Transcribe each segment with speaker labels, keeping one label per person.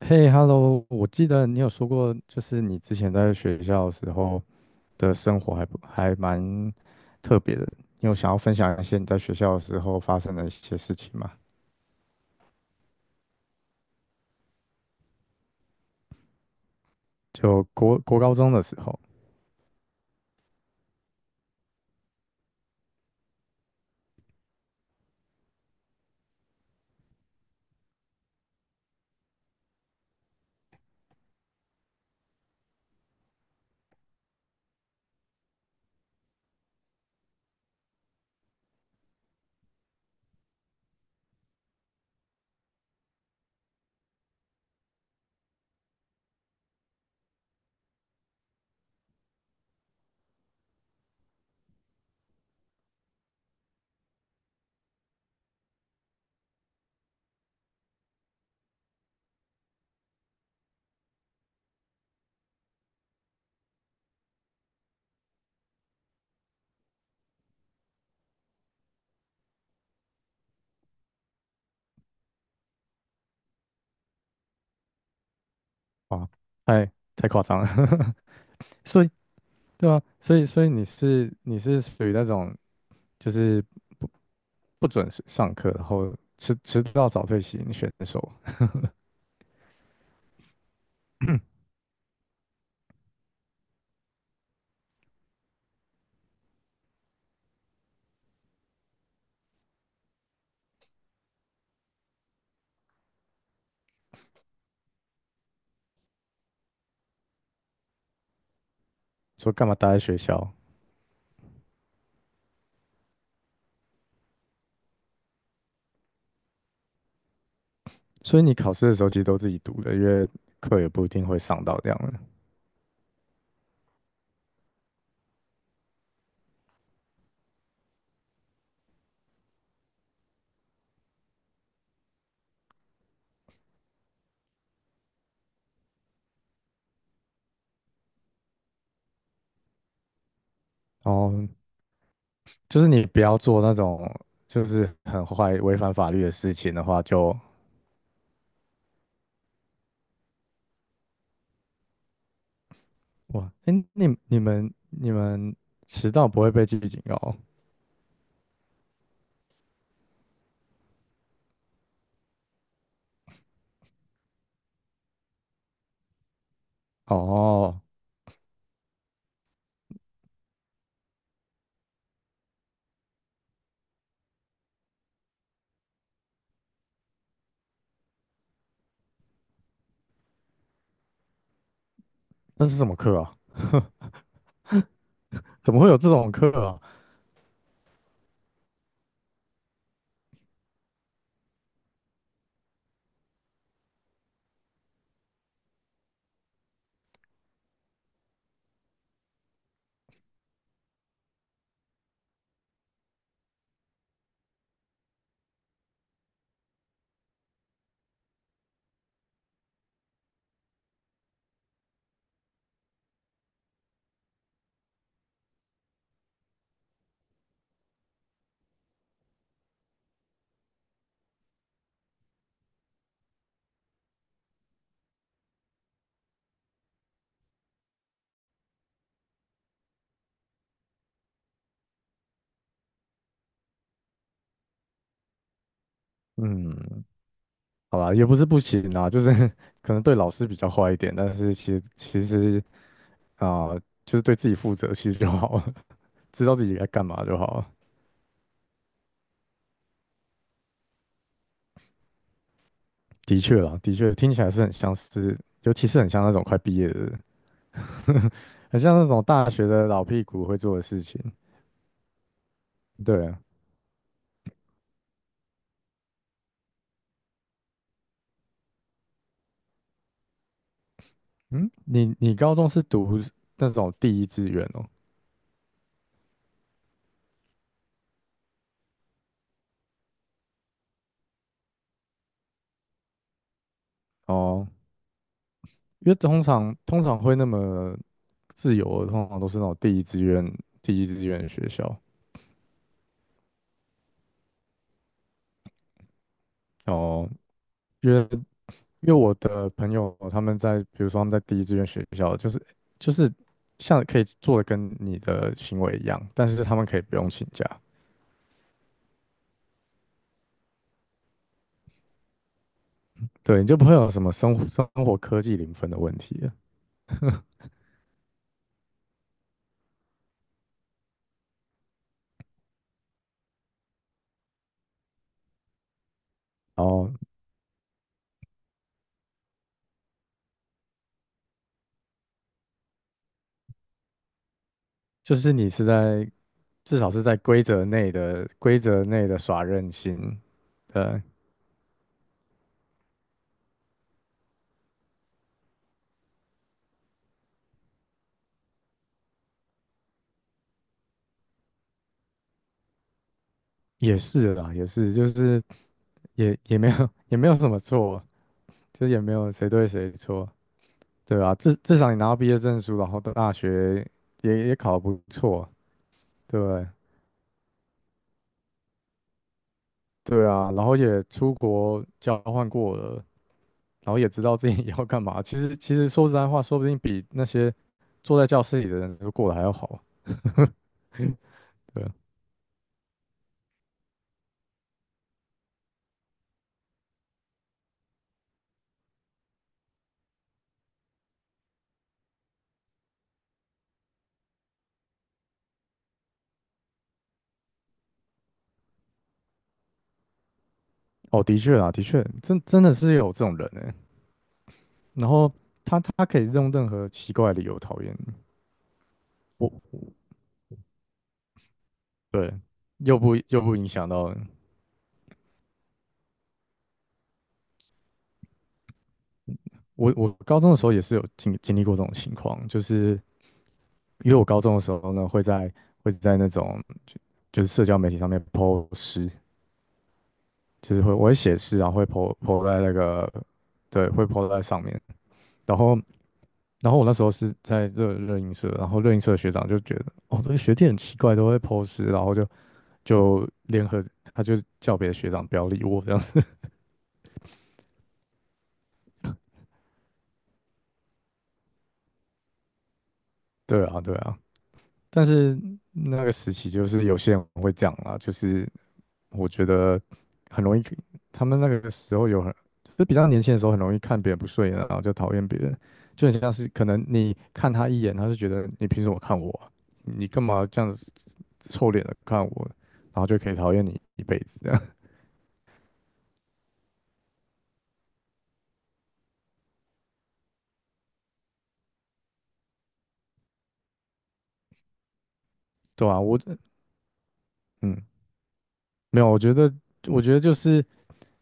Speaker 1: 嘿，Hello，我记得你有说过，就是你之前在学校的时候的生活还蛮特别的。你有想要分享一些你在学校的时候发生的一些事情吗？就国高中的时候，啊，太夸张了。所以，对啊，所以你是属于那种就是不准时上课，然后迟到早退型选手，说干嘛待在学校？所以你考试的时候其实都自己读的，因为课也不一定会上到这样的。哦，就是你不要做那种就是很坏、违反法律的事情的话就，哇，哎、你们迟到不会被记警告哦？哦那是什么课啊？怎么会有这种课啊？嗯，好吧，也不是不行啊，就是 可能对老师比较坏一点，但是其实啊、就是对自己负责其实就好了，知道自己该干嘛就好了。的确啦，的确听起来是很像是，尤其是很像那种快毕业的人。很像那种大学的老屁股会做的事情。对啊，嗯，你你高中是读那种第一志愿哦？哦，因为通常会那么自由的通常都是那种第一志愿第一志愿的学校。哦，因为因为我的朋友他们在，比如说他们在第一志愿学校，就是就是像可以做的跟你的行为一样，但是他们可以不用请假，对，你就不会有什么生活科技零分的问题了。然后就是你是在至少是在规则内的耍任性，呃，也是啦，也是，就是也也没有 也没有什么错，就是也没有谁对谁错，对吧？至少你拿到毕业证书，然后到大学也也考得不错，对不对？对啊，然后也出国交换过了，然后也知道自己 要干嘛。其实其实说实在话，说不定比那些坐在教室里的人都过得还要好。对啊，哦，的确啊，的确，真的是有这种人呢。然后他他可以用任何奇怪的理由讨厌你，我对，又不影响到你我。我高中的时候也是有经历过这种情况，就是因为我高中的时候呢，会在会在那种就就是社交媒体上面 po 诗，就是会我会写诗，然后会 po 在那个对，会 po 在上面。然后然后我那时候是在热映社，然后热映社的学长就觉得哦，这个学弟很奇怪，都会 po 诗，然后就就联合他就叫别的学长不要理我这样。对啊，对啊，但是那个时期就是有些人会这样啦，就是我觉得很容易，他们那个时候有很，就比较年轻的时候很容易看别人不顺眼，然后就讨厌别人，就很像是可能你看他一眼，他就觉得你凭什么看我啊你干嘛这样子臭脸的看我？然后就可以讨厌你一辈子这样，对啊，我嗯，没有，我觉得就是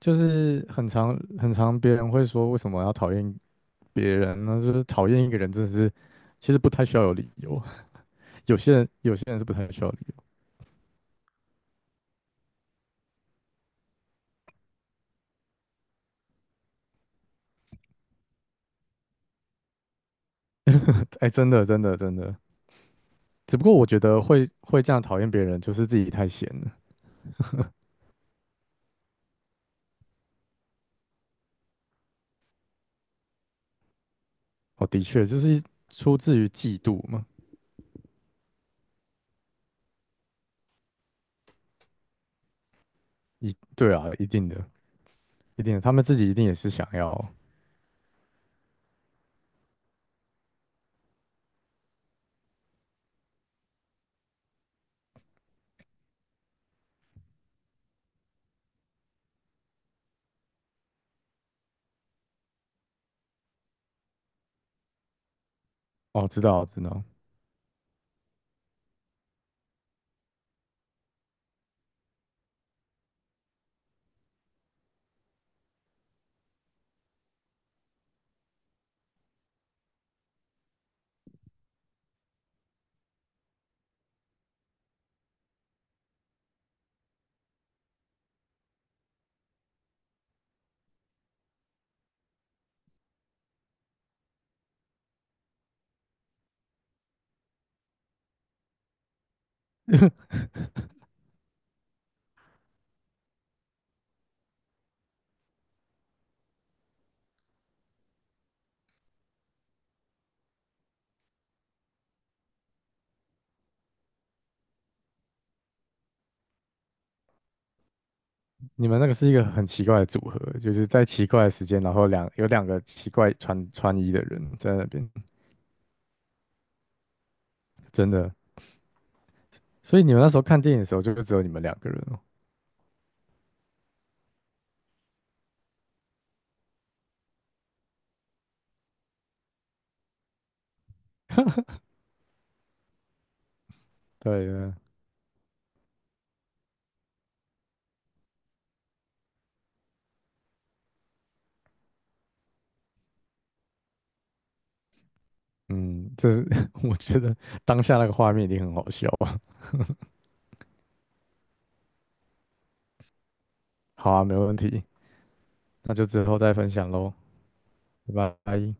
Speaker 1: 就是很常别人会说为什么要讨厌别人那就是讨厌一个人，真的是其实不太需要有理由。有些人是不太需要理由。哎，真的真的真的。只不过我觉得会这样讨厌别人，就是自己太闲了。哦，的确，就是出自于嫉妒嘛。一对啊，一定的，一定的，他们自己一定也是想要。哦，知道知道，你们那个是一个很奇怪的组合，就是在奇怪的时间，然后两有两个奇怪穿衣的人在那边，真的。所以你们那时候看电影的时候，就只有你们两个人哦。对，嗯，这是 我觉得当下那个画面一定很好笑啊。好啊，没问题，那就之后再分享喽，拜拜。